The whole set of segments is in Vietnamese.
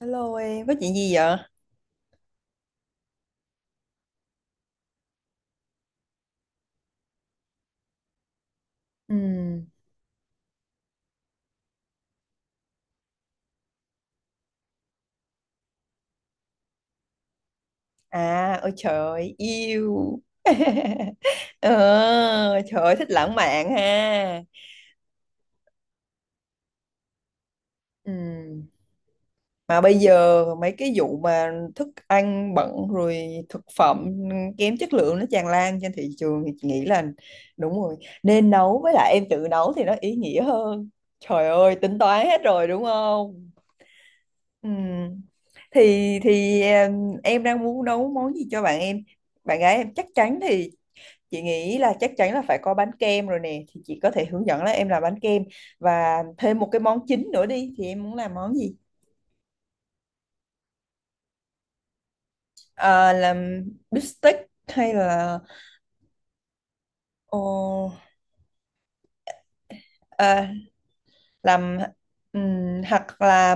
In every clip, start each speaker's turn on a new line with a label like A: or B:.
A: Hello em, có chuyện gì vậy? Ừ. À, ôi trời, yêu. ờ, Trời ơi, thích lãng mạn ha. Ừ. Mà bây giờ mấy cái vụ mà thức ăn bẩn rồi thực phẩm kém chất lượng nó tràn lan trên thị trường thì chị nghĩ là đúng rồi. Nên nấu với lại em tự nấu thì nó ý nghĩa hơn. Trời ơi, tính toán hết rồi đúng không? Ừ. Thì em đang muốn nấu món gì cho bạn em. Bạn gái em chắc chắn thì chị nghĩ là chắc chắn là phải có bánh kem rồi nè, thì chị có thể hướng dẫn là em làm bánh kem và thêm một cái món chính nữa đi thì em muốn làm món gì? Ờ, làm bít tết hay là ồ, à, làm hoặc là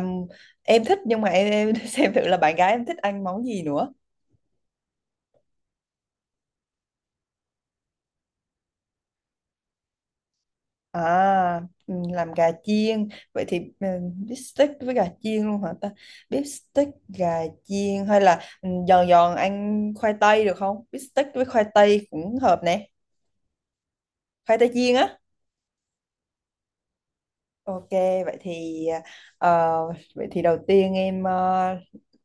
A: em thích, nhưng mà em xem thử là bạn gái em thích ăn món gì nữa. À, ừ, làm gà chiên. Vậy thì ừ, beef steak với gà chiên luôn hả ta? Beef steak, gà chiên hay là ừ, giòn giòn ăn khoai tây được không? Beef steak với khoai tây cũng hợp nè. Khoai tây chiên á. Ok, vậy thì ờ, vậy thì đầu tiên em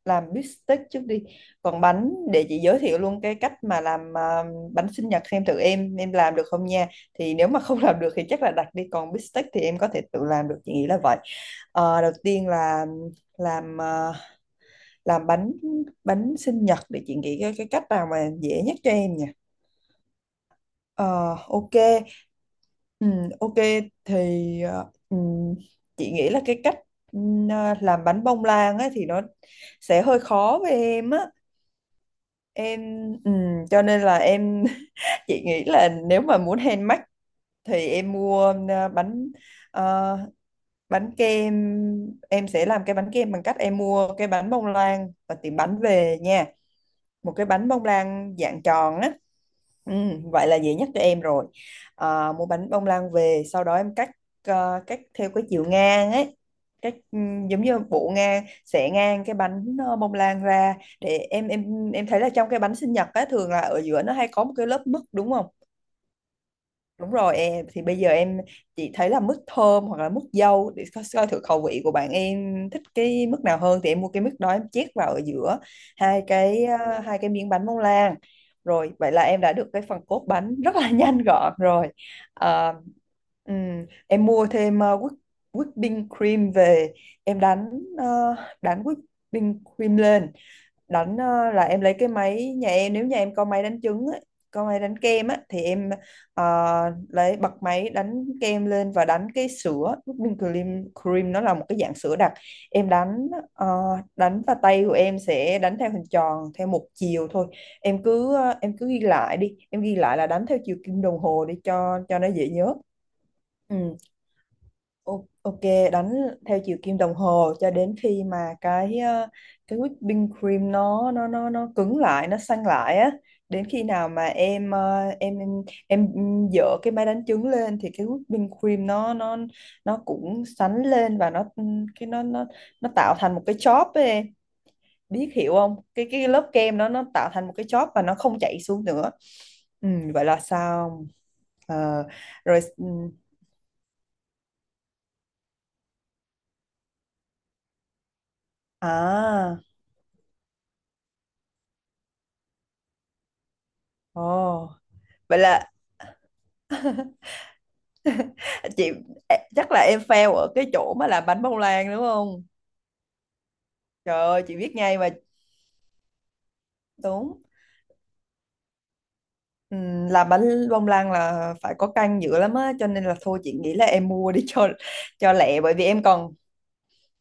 A: làm beef steak trước đi. Còn bánh để chị giới thiệu luôn cái cách mà làm bánh sinh nhật xem thử em làm được không nha. Thì nếu mà không làm được thì chắc là đặt đi. Còn beef steak thì em có thể tự làm được, chị nghĩ là vậy. Ờ, đầu tiên là làm làm bánh bánh sinh nhật, để chị nghĩ cái cách nào mà dễ nhất cho em nhỉ. Ờ, ok. Ừ, ok thì chị nghĩ là cái cách ừ, làm bánh bông lan ấy thì nó sẽ hơi khó với em á. Em ừ, cho nên là em chị nghĩ là nếu mà muốn handmade thì em mua bánh ờ, bánh kem. Em sẽ làm cái bánh kem bằng cách em mua cái bánh bông lan và tiệm bánh về nha, một cái bánh bông lan dạng tròn á, ừ, vậy là dễ nhất cho em rồi. À, mua bánh bông lan về sau đó em cắt cắt theo cái chiều ngang ấy, cắt ừ, giống như bộ ngang, xẻ ngang cái bánh bông lan ra. Để em thấy là trong cái bánh sinh nhật á thường là ở giữa nó hay có một cái lớp mứt đúng không? Đúng rồi, em thì bây giờ em chỉ thấy là mức thơm hoặc là mức dâu để coi thử khẩu vị của bạn em thích cái mức nào hơn thì em mua cái mức đó em chét vào ở giữa hai cái hai cái miếng bánh bông lan. Rồi vậy là em đã được cái phần cốt bánh rất là nhanh gọn rồi. Ờ, em mua thêm whipping cream về. Em đánh ờ, đánh whipping cream lên, đánh là em lấy cái máy nhà em, nếu nhà em có máy đánh trứng á, có máy đánh kem á thì em ờ, lấy bật máy đánh kem lên và đánh cái sữa whipping cream. Cream nó là một cái dạng sữa đặc, em đánh đánh và tay của em sẽ đánh theo hình tròn theo một chiều thôi. Em cứ em cứ ghi lại đi, em ghi lại là đánh theo chiều kim đồng hồ để cho nó dễ nhớ. Ừ. Ok, đánh theo chiều kim đồng hồ cho đến khi mà cái cái whipping cream nó cứng lại, nó săn lại á. Đến khi nào mà em em dỡ cái máy đánh trứng lên thì cái whipping cream nó nó cũng sánh lên và nó cái nó nó tạo thành một cái chóp ấy em. Biết hiểu không? Cái lớp kem nó tạo thành một cái chóp và nó không chảy xuống nữa. Ừ, vậy là sao? Ờ, rồi ừ, à, ồ. Vậy là à, chị à, chắc là em fail ở cái chỗ mà làm bánh bông lan đúng không? Trời ơi chị biết ngay mà. Đúng. Làm bánh bông lan là phải có canh dữ lắm á cho nên là thôi chị nghĩ là em mua đi cho lẹ, bởi vì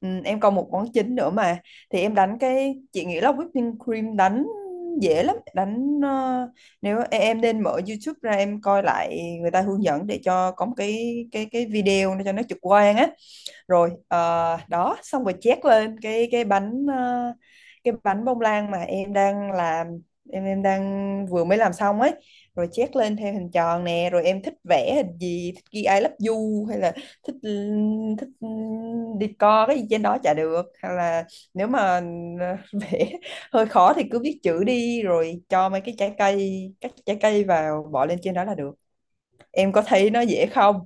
A: em còn một món chính nữa mà. Thì em đánh cái, chị nghĩ là whipping cream đánh dễ lắm, đánh nếu em nên mở YouTube ra, em coi lại người ta hướng dẫn để cho có một cái video để cho nó trực quan á. Rồi đó xong rồi chét lên cái bánh cái bánh bông lan mà em đang làm, em đang vừa mới làm xong ấy. Rồi chét lên theo hình tròn nè, rồi em thích vẽ hình gì, thích ghi I love you hay là thích thích decor cái gì trên đó chả được, hay là nếu mà vẽ hơi khó thì cứ viết chữ đi rồi cho mấy cái trái cây, các trái cây vào bỏ lên trên đó là được. Em có thấy nó dễ không?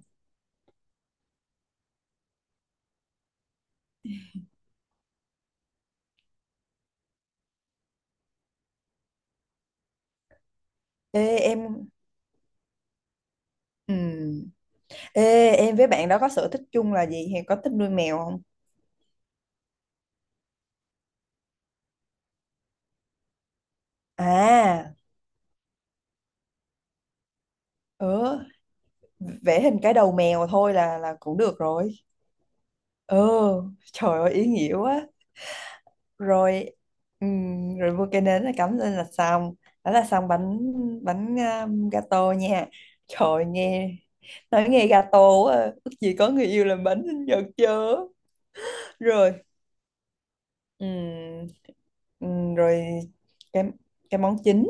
A: Ê, em ừ, ê, em với bạn đó có sở thích chung là gì? Hay có thích nuôi mèo không? À, ừ, vẽ hình cái đầu mèo thôi là cũng được rồi. Ừ, trời ơi ý nghĩa quá. Rồi, rồi mua cái nến là cắm lên là xong. Đó là xong bánh bánh gato nha. Trời nghe nói nghe gato quá. À. Ước gì có người yêu làm bánh sinh nhật chớ. Rồi, ừm, rồi cái cái món chính.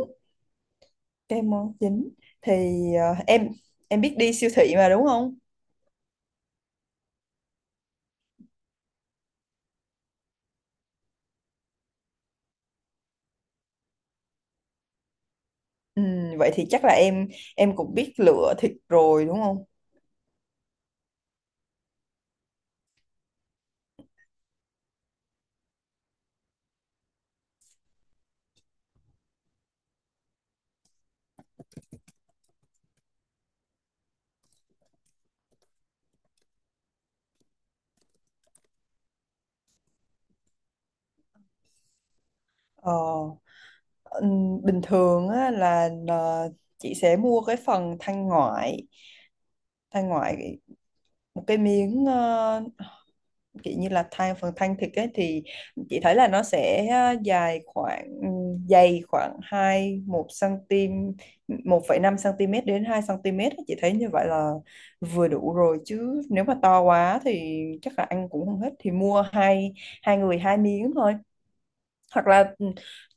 A: Cái món chính thì ờ, em em biết đi siêu thị mà đúng không? Ừ, vậy thì chắc là em cũng biết lựa thịt rồi đúng không? Ờ, bình thường á, là chị sẽ mua cái phần thanh ngoại. Thanh ngoại một cái miếng kiểu như là thanh phần thanh thịt ấy, thì chị thấy là nó sẽ dài khoảng ừ, dày khoảng 2 1 cm, 1,5 cm đến 2 cm ấy. Chị thấy như vậy là vừa đủ rồi, chứ nếu mà to quá thì chắc là ăn cũng không hết thì mua hai, hai người hai miếng thôi. Hoặc là ừ,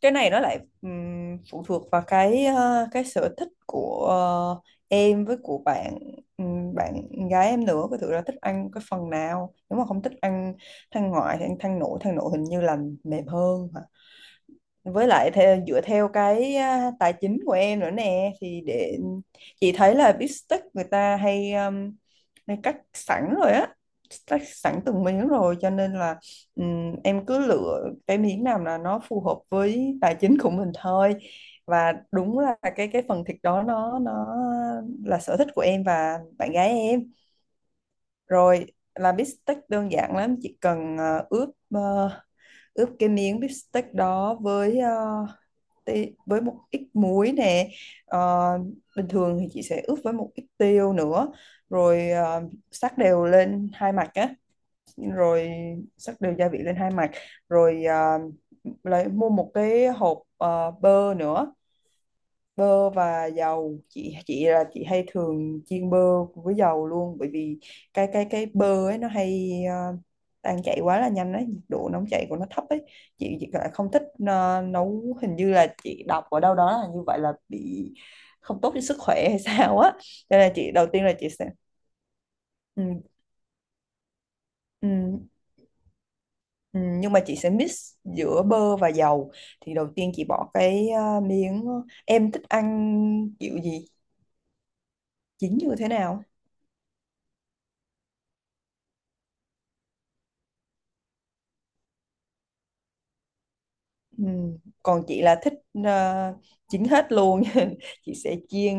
A: cái này nó lại phụ thuộc vào cái cái sở thích của em với của bạn bạn gái em nữa, cái thử là thích ăn cái phần nào, nếu mà không thích ăn than ngoại thì ăn than nội. Than nội hình như là mềm hơn hả? Với lại theo, dựa theo cái à, tài chính của em nữa nè, thì để chị thấy là bít tết người ta hay, hay cắt sẵn rồi á, cắt sẵn từng miếng rồi cho nên là em cứ lựa cái miếng nào là nó phù hợp với tài chính của mình thôi, và đúng là cái phần thịt đó nó là sở thích của em và bạn gái em. Rồi, là bít tết đơn giản lắm, chỉ cần ướp ờ, ướp cái miếng bít tết đó với với một ít muối nè. Ờ, bình thường thì chị sẽ ướp với một ít tiêu nữa, rồi sắc đều lên hai mặt á, rồi sắc đều gia vị lên hai mặt, rồi lấy mua một cái hộp bơ nữa. Bơ và dầu, chị là chị hay thường chiên bơ với dầu luôn, bởi vì cái bơ ấy nó hay tan chảy quá là nhanh ấy, nhiệt độ nóng chảy của nó thấp ấy. Chị lại không thích nấu, hình như là chị đọc ở đâu đó là như vậy là bị không tốt cho sức khỏe hay sao á, cho nên là chị đầu tiên là chị sẽ ừ, ừ, ừ, nhưng mà chị sẽ mix giữa bơ và dầu. Thì đầu tiên chị bỏ cái miếng, em thích ăn kiểu gì, chín như thế nào? Ừ. Còn chị là thích ờ, chín hết luôn chị sẽ chiên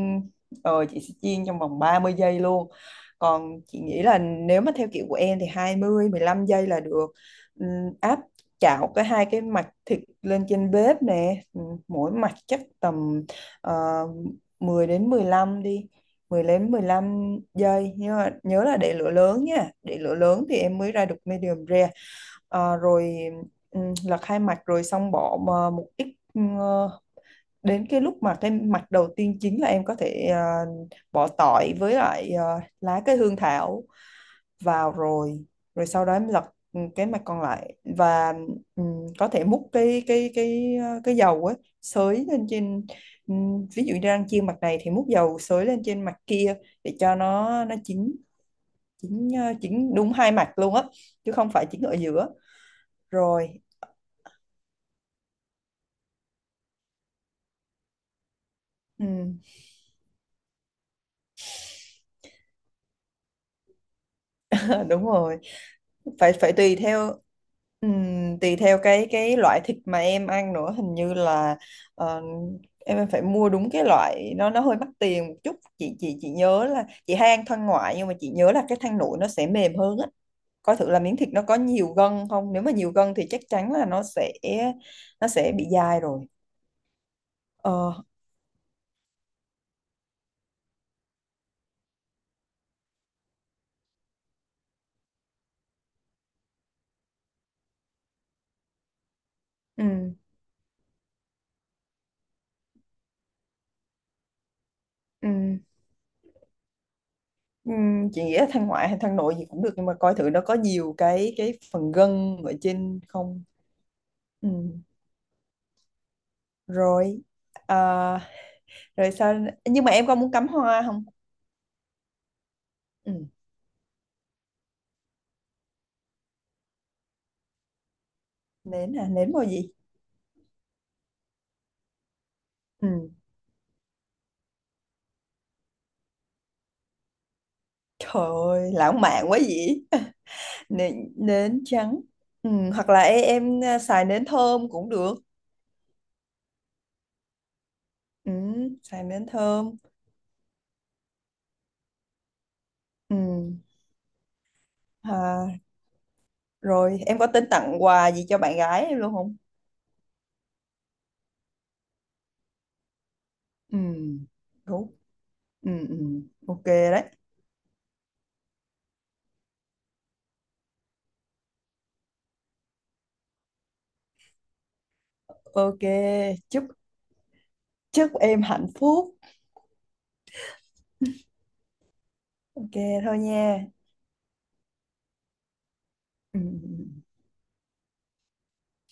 A: chị sẽ chiên trong vòng 30 giây luôn. Còn chị nghĩ là nếu mà theo kiểu của em thì 20 15 giây là được. Ừm, áp chảo cái hai cái mặt thịt lên trên bếp nè. Mỗi mặt chắc tầm uh, 10 đến 15 đi, 10 đến 15 giây, nhưng mà nhớ là để lửa lớn nha, để lửa lớn thì em mới ra được medium rare. Ờ, rồi là khai mạc rồi xong bỏ mà một ít đến cái lúc mà cái mặt đầu tiên chính là em có thể bỏ tỏi với lại lá cây hương thảo vào. Rồi, rồi sau đó em lật cái mặt còn lại và có thể múc cái cái dầu ấy xới lên trên, ví dụ như đang chiên mặt này thì múc dầu xới lên trên mặt kia để cho nó chín, chín chín đúng hai mặt luôn á, chứ không phải chín ở giữa. Rồi. Ừ. Ờ, đúng rồi, phải phải tùy theo cái loại thịt mà em ăn nữa, hình như là ờ, em phải mua đúng cái loại, nó hơi mắc tiền một chút. Chị nhớ là chị hay ăn thân ngoại, nhưng mà chị nhớ là cái thăn nội nó sẽ mềm hơn á. Coi thử là miếng thịt nó có nhiều gân không, nếu mà nhiều gân thì chắc chắn là nó sẽ bị dai rồi. Ờ, ừm, ừm, chị nghĩ là thăn ngoại hay thăn nội gì cũng được, nhưng mà coi thử nó có nhiều cái phần gân ở trên không. Ừ. Rồi ờ, rồi sao, nhưng mà em có muốn cắm hoa không? Ừ. Nến à, nến màu gì? Ừ. Trời ơi lãng mạn quá vậy. Nến, nến trắng. Ừ. Hoặc là em à, xài nến thơm cũng được. Ừ. Xài nến thơm. Ừ. À, rồi em có tính tặng quà gì cho bạn gái em luôn không? Ừ. Đúng. Ừ. Ừ. Ok đấy. Ok, chúc chúc em hạnh phúc. Ok, thôi nha. Ừ. Ừ, ừ.